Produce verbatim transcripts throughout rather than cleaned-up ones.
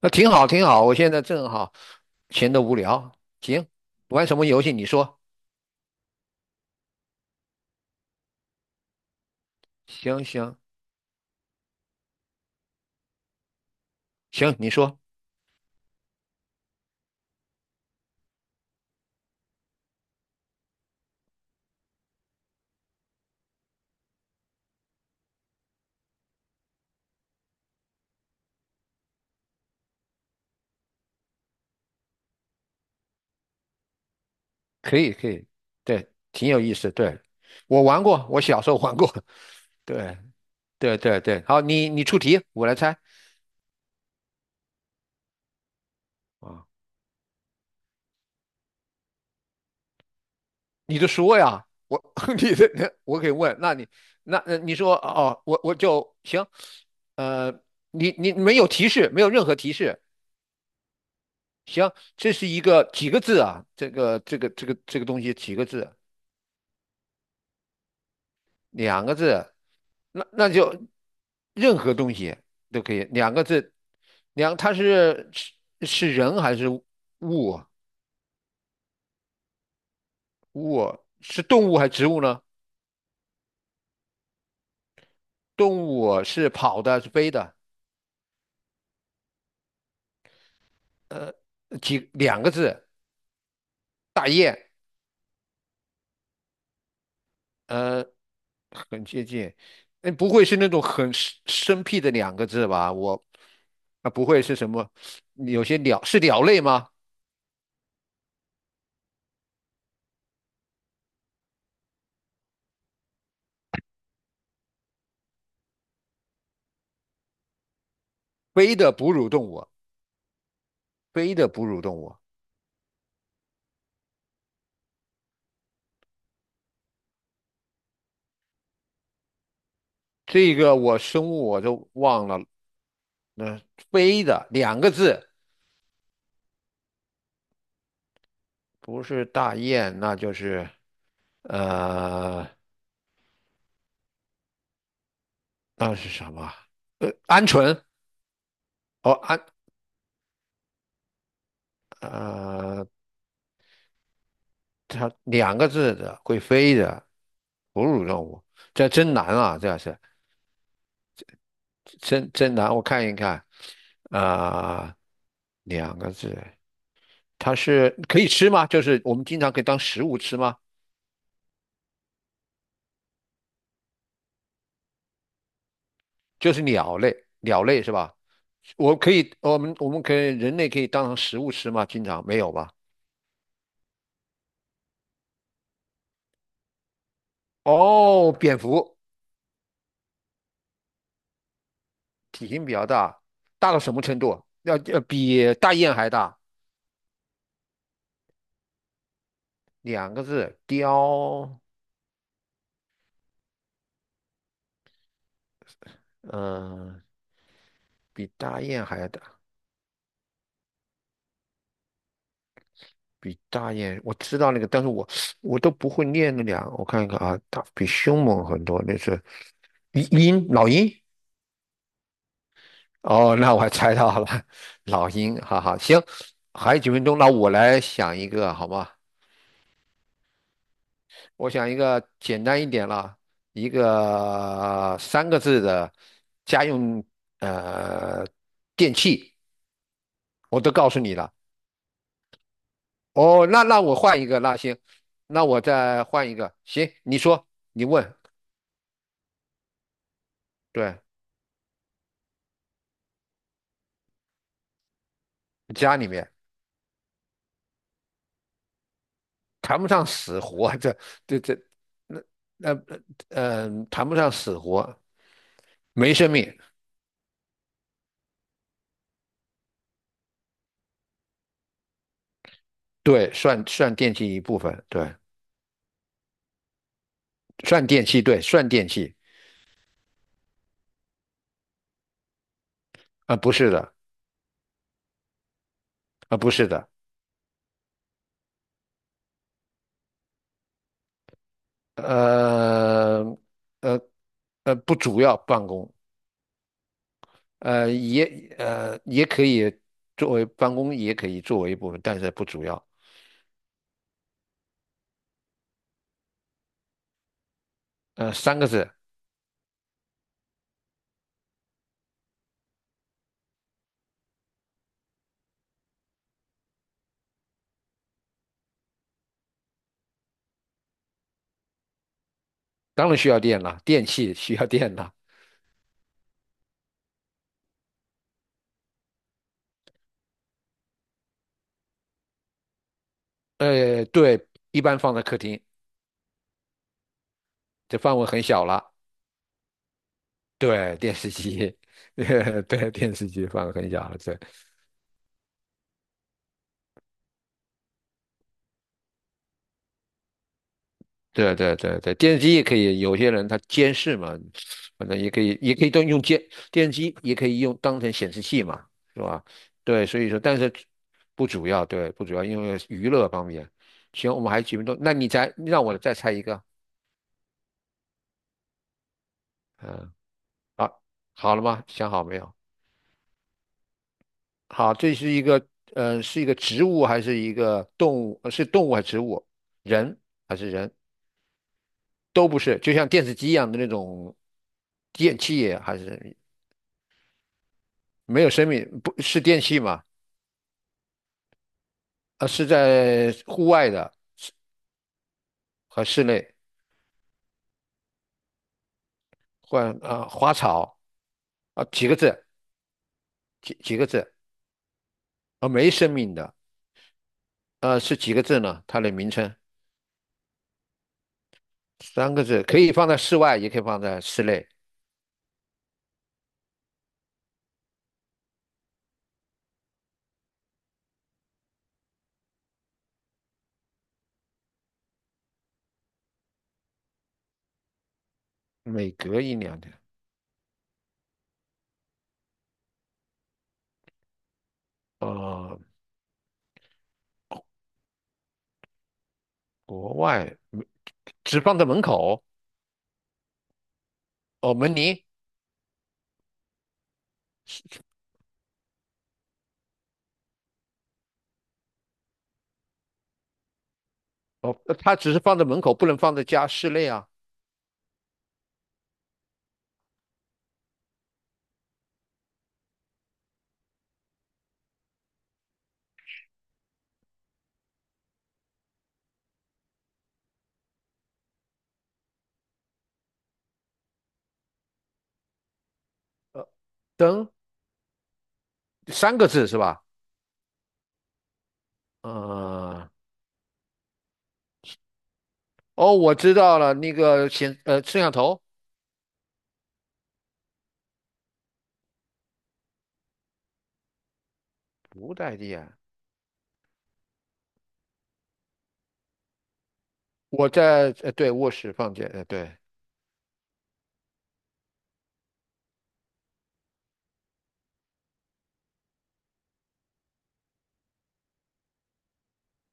那挺好，挺好。我现在正好闲得无聊，行，玩什么游戏？你说，行行行，你说，可以可以，对，挺有意思。对，我玩过，我小时候玩过。对对对对，好，你你出题，我来猜啊。你就说呀，我 你的我可以问，那你那呃你说哦，我我就行。呃，你你没有提示，没有任何提示。行，这是一个几个字啊？这个这个这个这个东西几个字？两个字，那那就任何东西都可以，两个字，两，它是是是人还是物啊？物啊是动物还是植物呢？动物是跑的，是飞的，呃，几两个字，大雁，呃，很接近，嗯，不会是那种很生生僻的两个字吧？我啊，不会是什么？有些鸟是鸟类吗？飞的哺乳动物，飞的哺乳动物。这个我生物我都忘了，那、飞的两个字，不是大雁，那就是呃，那是什么？呃，鹌鹑哦，鹌呃，它两个字的会飞的哺乳动物，这真难啊，这是真真难。我看一看，啊、两个字，它是可以吃吗？就是我们经常可以当食物吃吗？就是鸟类，鸟类是吧？我可以，我们我们可以人类可以当成食物吃吗？经常没有吧？哦，蝙蝠体型比较大，大到什么程度啊？要要比大雁还大，两个字，雕，嗯、比大雁还要大，比大雁，我知道那个，但是我我都不会念那两，我看一看啊，大比凶猛很多，那是鹰，鹰老鹰，哦，那我猜到了，老鹰，哈哈，行，还有几分钟，那我来想一个，好吗？我想一个简单一点了，一个三个字的家用呃电器，我都告诉你了。哦，那那我换一个，那行，那我再换一个，行，你说，你问，对，家里面谈不上死活，这这这，那那呃，呃谈不上死活，没生命，对，算算电器一部分，对，算电器，对，算电器，啊、不是的，啊、不是的，呃，呃，呃，不主要办公，呃，也呃也可以作为办公，也可以作为一部分，但是不主要，呃，三个字，当然需要电了，电器需要电了，呃，对，一般放在客厅，这范围很小了，对，电视机，对，电视机范围很小了，对，对对对对，电视机也可以，有些人他监视嘛，反正也可以，也可以都用监电视机，也可以用当成显示器嘛，是吧？对，所以说，但是不主要，对，不主要，因为娱乐方面。行，我们还有几分钟，那你再让我再猜一个，嗯，好，好了吗？想好没有？好，这是一个，嗯，是一个植物还是一个动物？呃是动物还是植物？人还是人？都不是，就像电视机一样的那种电器，还是？没有生命，不是电器嘛？呃，是在户外的和室内，换啊花草啊几个字，几几个字啊没生命的呃是几个字呢？它的名称三个字，可以放在室外，也可以放在室内。每隔一两天啊，国外没只放在门口哦，门铃哦，它只是放在门口，不能放在家室内啊。呃，灯三个字是吧？嗯、哦，我知道了，那个显呃摄像头。不带电，我在呃对卧室放电，呃对，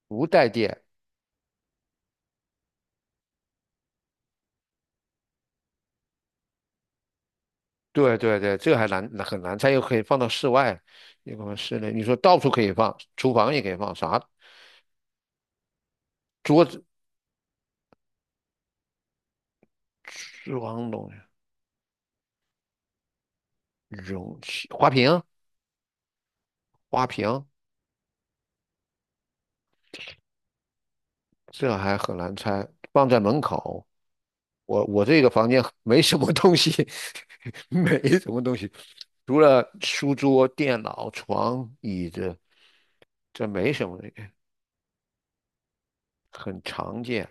不带电，对对对，这个还难很难，它又可以放到室外，又可以放室内，你说到处可以放，厨房也可以放，啥桌子、厨房东西、容器、花瓶、花瓶，这还很难猜，放在门口。我我这个房间 没什么东西，没什么东西，除了书桌、电脑、床、椅子，这没什么，很常见。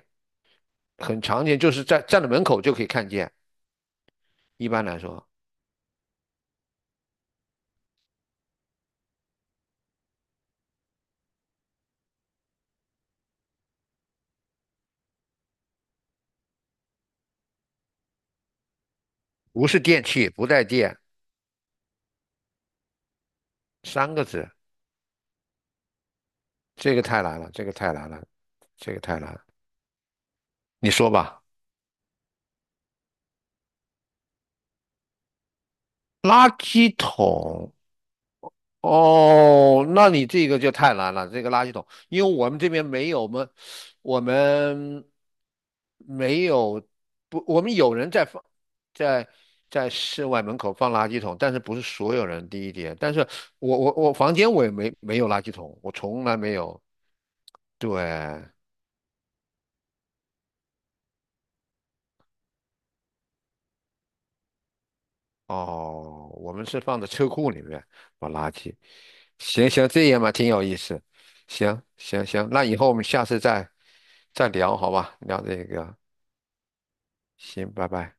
很常见，就是在站在门口就可以看见。一般来说，不是电器，不带电，三个字，这个太难了，这个太难了，这个太难了。你说吧，垃圾桶。哦，那你这个就太难了，这个垃圾桶，因为我们这边没有，我们我们没有不，我们有人在放在在室外门口放垃圾桶，但是不是所有人，第一点，但是我我我房间我也没没有垃圾桶，我从来没有，对，哦，我们是放在车库里面把垃圾。行行，这样嘛，挺有意思。行行行，那以后我们下次再再聊，好吧？聊这个，行，拜拜。